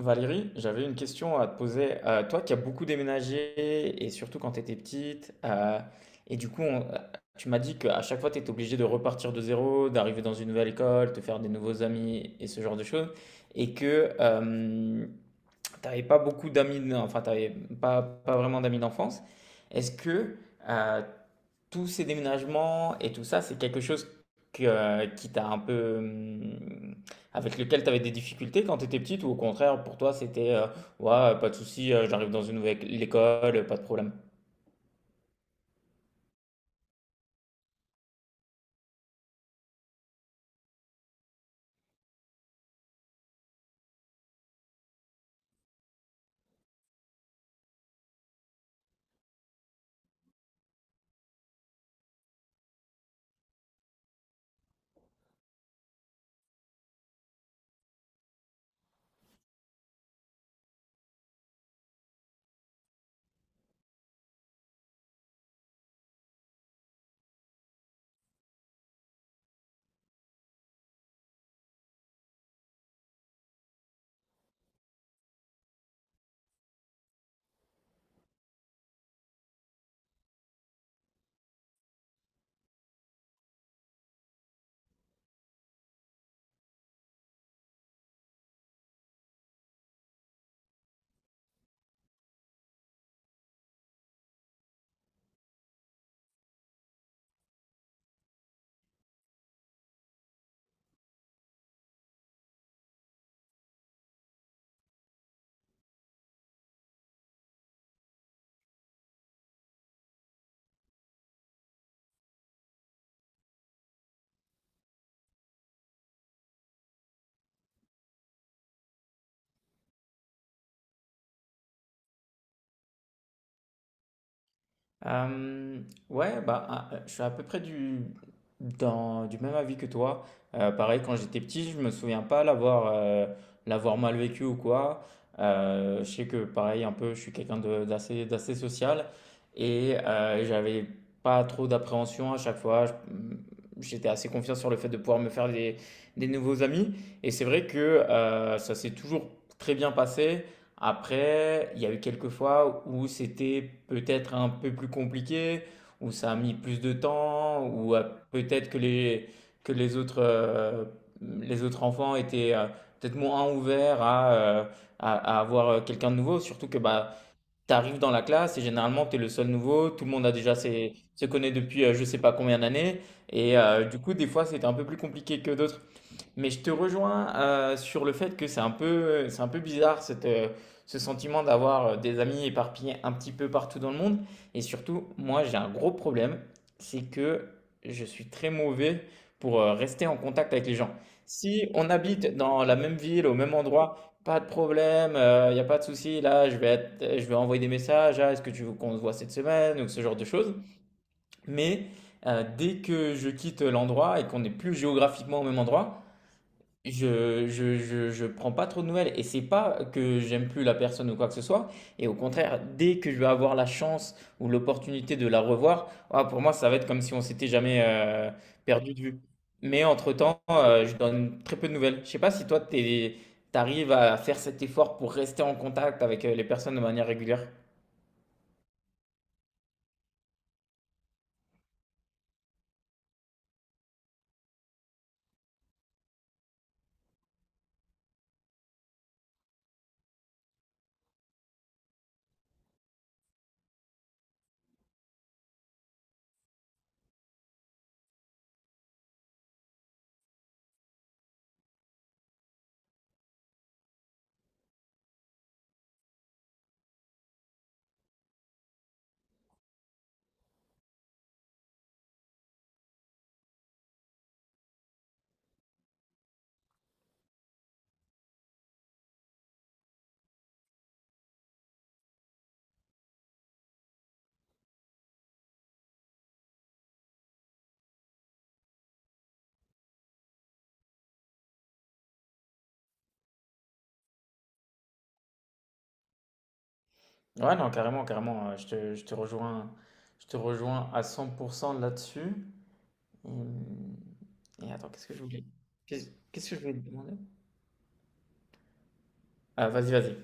Valérie, j'avais une question à te poser. Toi qui as beaucoup déménagé, et surtout quand tu étais petite, et du coup, tu m'as dit qu'à chaque fois, tu étais obligé de repartir de zéro, d'arriver dans une nouvelle école, te faire des nouveaux amis et ce genre de choses, et que t'avais tu pas beaucoup d'amis, enfin, tu pas vraiment d'amis d'enfance. Est-ce que euh, tous ces déménagements et tout ça, c'est quelque chose qui t'a un peu, avec lequel tu avais des difficultés quand tu étais petite, ou au contraire, pour toi, c'était, ouais, pas de souci, j'arrive dans une nouvelle école, pas de problème. Euh, ouais, bah, je suis à peu près du même avis que toi. Pareil, quand j'étais petit, je me souviens pas l'avoir mal vécu ou quoi. Je sais que, pareil, un peu, je suis quelqu'un d'assez social et j'avais pas trop d'appréhension à chaque fois. J'étais assez confiant sur le fait de pouvoir me faire des nouveaux amis. Et c'est vrai que ça s'est toujours très bien passé. Après, il y a eu quelques fois où c'était peut-être un peu plus compliqué, où ça a mis plus de temps, où peut-être que les autres enfants étaient peut-être moins ouverts à avoir quelqu'un de nouveau. Surtout que bah, tu arrives dans la classe et généralement tu es le seul nouveau, tout le monde a déjà se connaît depuis je sais pas combien d'années. Et du coup, des fois, c'était un peu plus compliqué que d'autres. Mais je te rejoins sur le fait que c'est un peu bizarre ce sentiment d'avoir des amis éparpillés un petit peu partout dans le monde. Et surtout, moi, j'ai un gros problème, c'est que je suis très mauvais pour rester en contact avec les gens. Si on habite dans la même ville, au même endroit, pas de problème, il n'y a pas de souci. Là, je vais envoyer des messages. Ah, est-ce que tu veux qu'on se voit cette semaine ou ce genre de choses. Mais dès que je quitte l'endroit et qu'on n'est plus géographiquement au même endroit, je prends pas trop de nouvelles et c'est pas que j'aime plus la personne ou quoi que ce soit. Et au contraire, dès que je vais avoir la chance ou l'opportunité de la revoir, ah, pour moi, ça va être comme si on s'était jamais perdu de vue. Mais entre-temps, je donne très peu de nouvelles. Je sais pas si toi, t'arrives à faire cet effort pour rester en contact avec les personnes de manière régulière. Ouais, non, carrément, carrément. Je te rejoins à 100% là-dessus. Et, hem et Attends, qu'est-ce que je voulais te demander? Ah, vas-y, vas-y.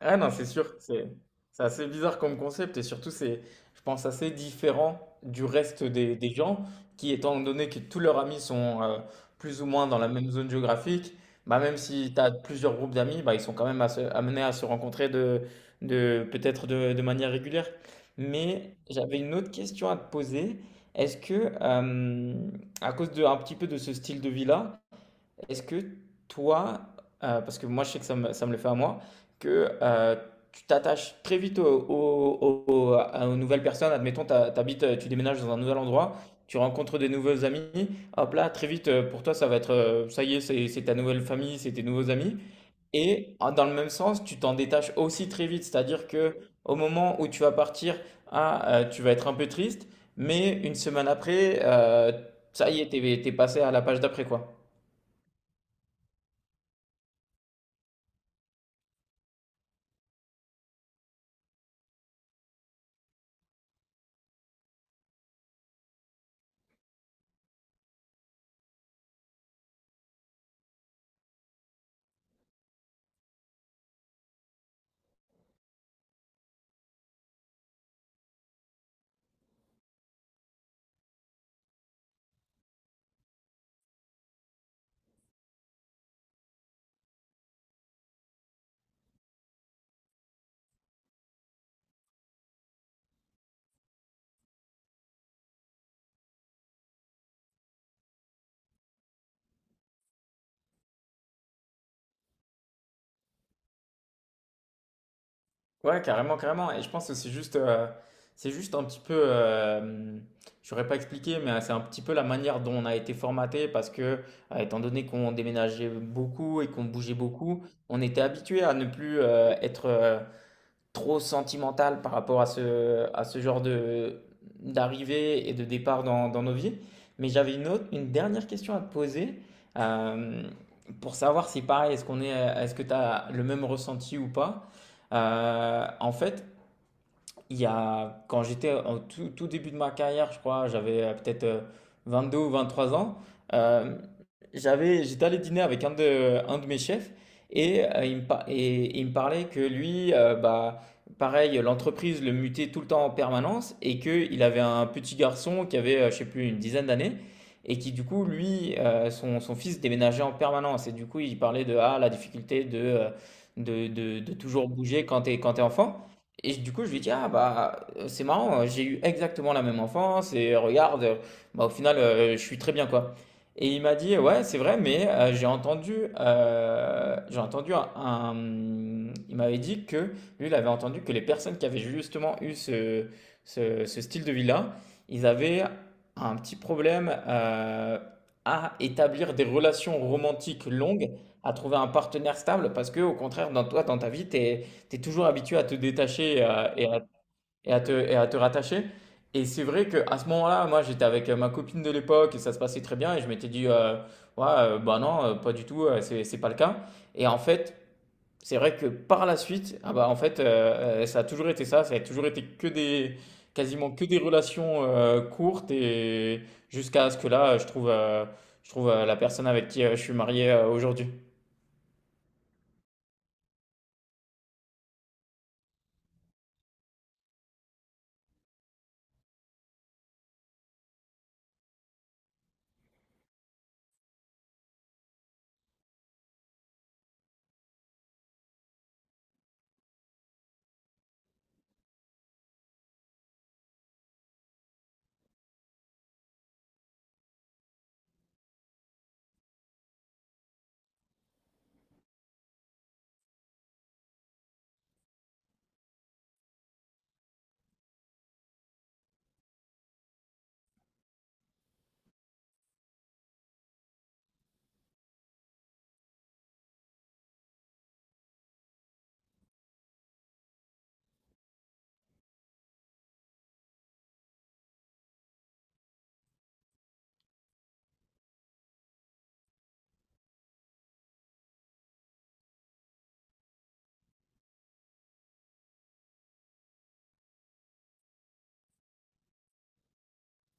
Ah non, c'est sûr, c'est assez bizarre comme concept et surtout c'est, je pense, assez différent du reste des gens qui, étant donné que tous leurs amis sont plus ou moins dans la même zone géographique, bah même si tu as plusieurs groupes d'amis, bah ils sont quand même amenés à se rencontrer de manière régulière. Mais j'avais une autre question à te poser. Est-ce que, à cause de, un petit peu de ce style de vie-là, est-ce que toi, parce que moi je sais que ça me le fait à moi, que tu t'attaches très vite aux nouvelles personnes, admettons, t'habites, tu déménages dans un nouvel endroit, tu rencontres des nouveaux amis, hop là, très vite, pour toi ça va être, ça y est, c'est ta nouvelle famille, c'est tes nouveaux amis. Et dans le même sens, tu t'en détaches aussi très vite, c'est-à-dire que au moment où tu vas partir, tu vas être un peu triste, mais une semaine après, ça y est, t'es passé à la page d'après, quoi. Ouais, carrément, carrément. Et je pense que c'est juste, un petit peu, je n'aurais pas expliqué, mais c'est un petit peu la manière dont on a été formaté parce que, étant donné qu'on déménageait beaucoup et qu'on bougeait beaucoup, on était habitué à ne plus être, trop sentimental par rapport à à ce genre d'arrivée et de départ dans nos vies. Mais j'avais une autre, une dernière question à te poser euh, pour savoir si pareil, est-ce que tu as le même ressenti ou pas. En fait, il y a, quand j'étais en tout début de ma carrière, je crois, j'avais peut-être deux ou 23 ans, euh, j'étais allé dîner avec un de mes chefs et, et il me parlait que lui, bah, pareil, l'entreprise le mutait tout le temps en permanence et qu'il avait un petit garçon qui avait, je sais plus, une dizaine d'années et qui, du coup, lui, son fils déménageait en permanence et du coup, il parlait de la difficulté de toujours bouger quand quand t'es enfant. Du coup, je lui dis: «Ah bah, c'est marrant, j'ai eu exactement la même enfance et regarde, bah, au final, je suis très bien, quoi». Et il m'a dit: «Ouais, c'est vrai, mais j'ai entendu un,» il m'avait dit que lui, il avait entendu que les personnes qui avaient justement eu ce style de vie-là, ils avaient un petit problème, à établir des relations romantiques longues, à trouver un partenaire stable parce que au contraire, dans ta vie, tu es toujours habitué à te détacher et et à te rattacher. Et c'est vrai qu'à ce moment-là, moi, j'étais avec ma copine de l'époque et ça se passait très bien. Et je m'étais dit, ouais, bah non, pas du tout, c'est pas le cas. Et en fait, c'est vrai que par la suite, ah bah, en fait, ça a toujours été ça. Ça a toujours été quasiment que des relations courtes et jusqu'à ce que là, je trouve la personne avec qui je suis marié aujourd'hui.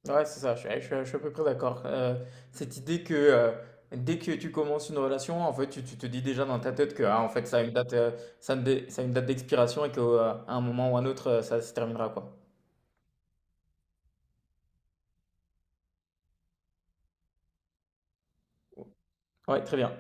Ouais, c'est ça, je suis à peu près d'accord. Cette idée que dès que tu commences une relation, en fait, tu te dis déjà dans ta tête que ah, en fait, ça a une date, ça a une dé- ça a une date d'expiration et qu'à un moment ou un autre, ça se terminera, quoi. Ouais, très bien.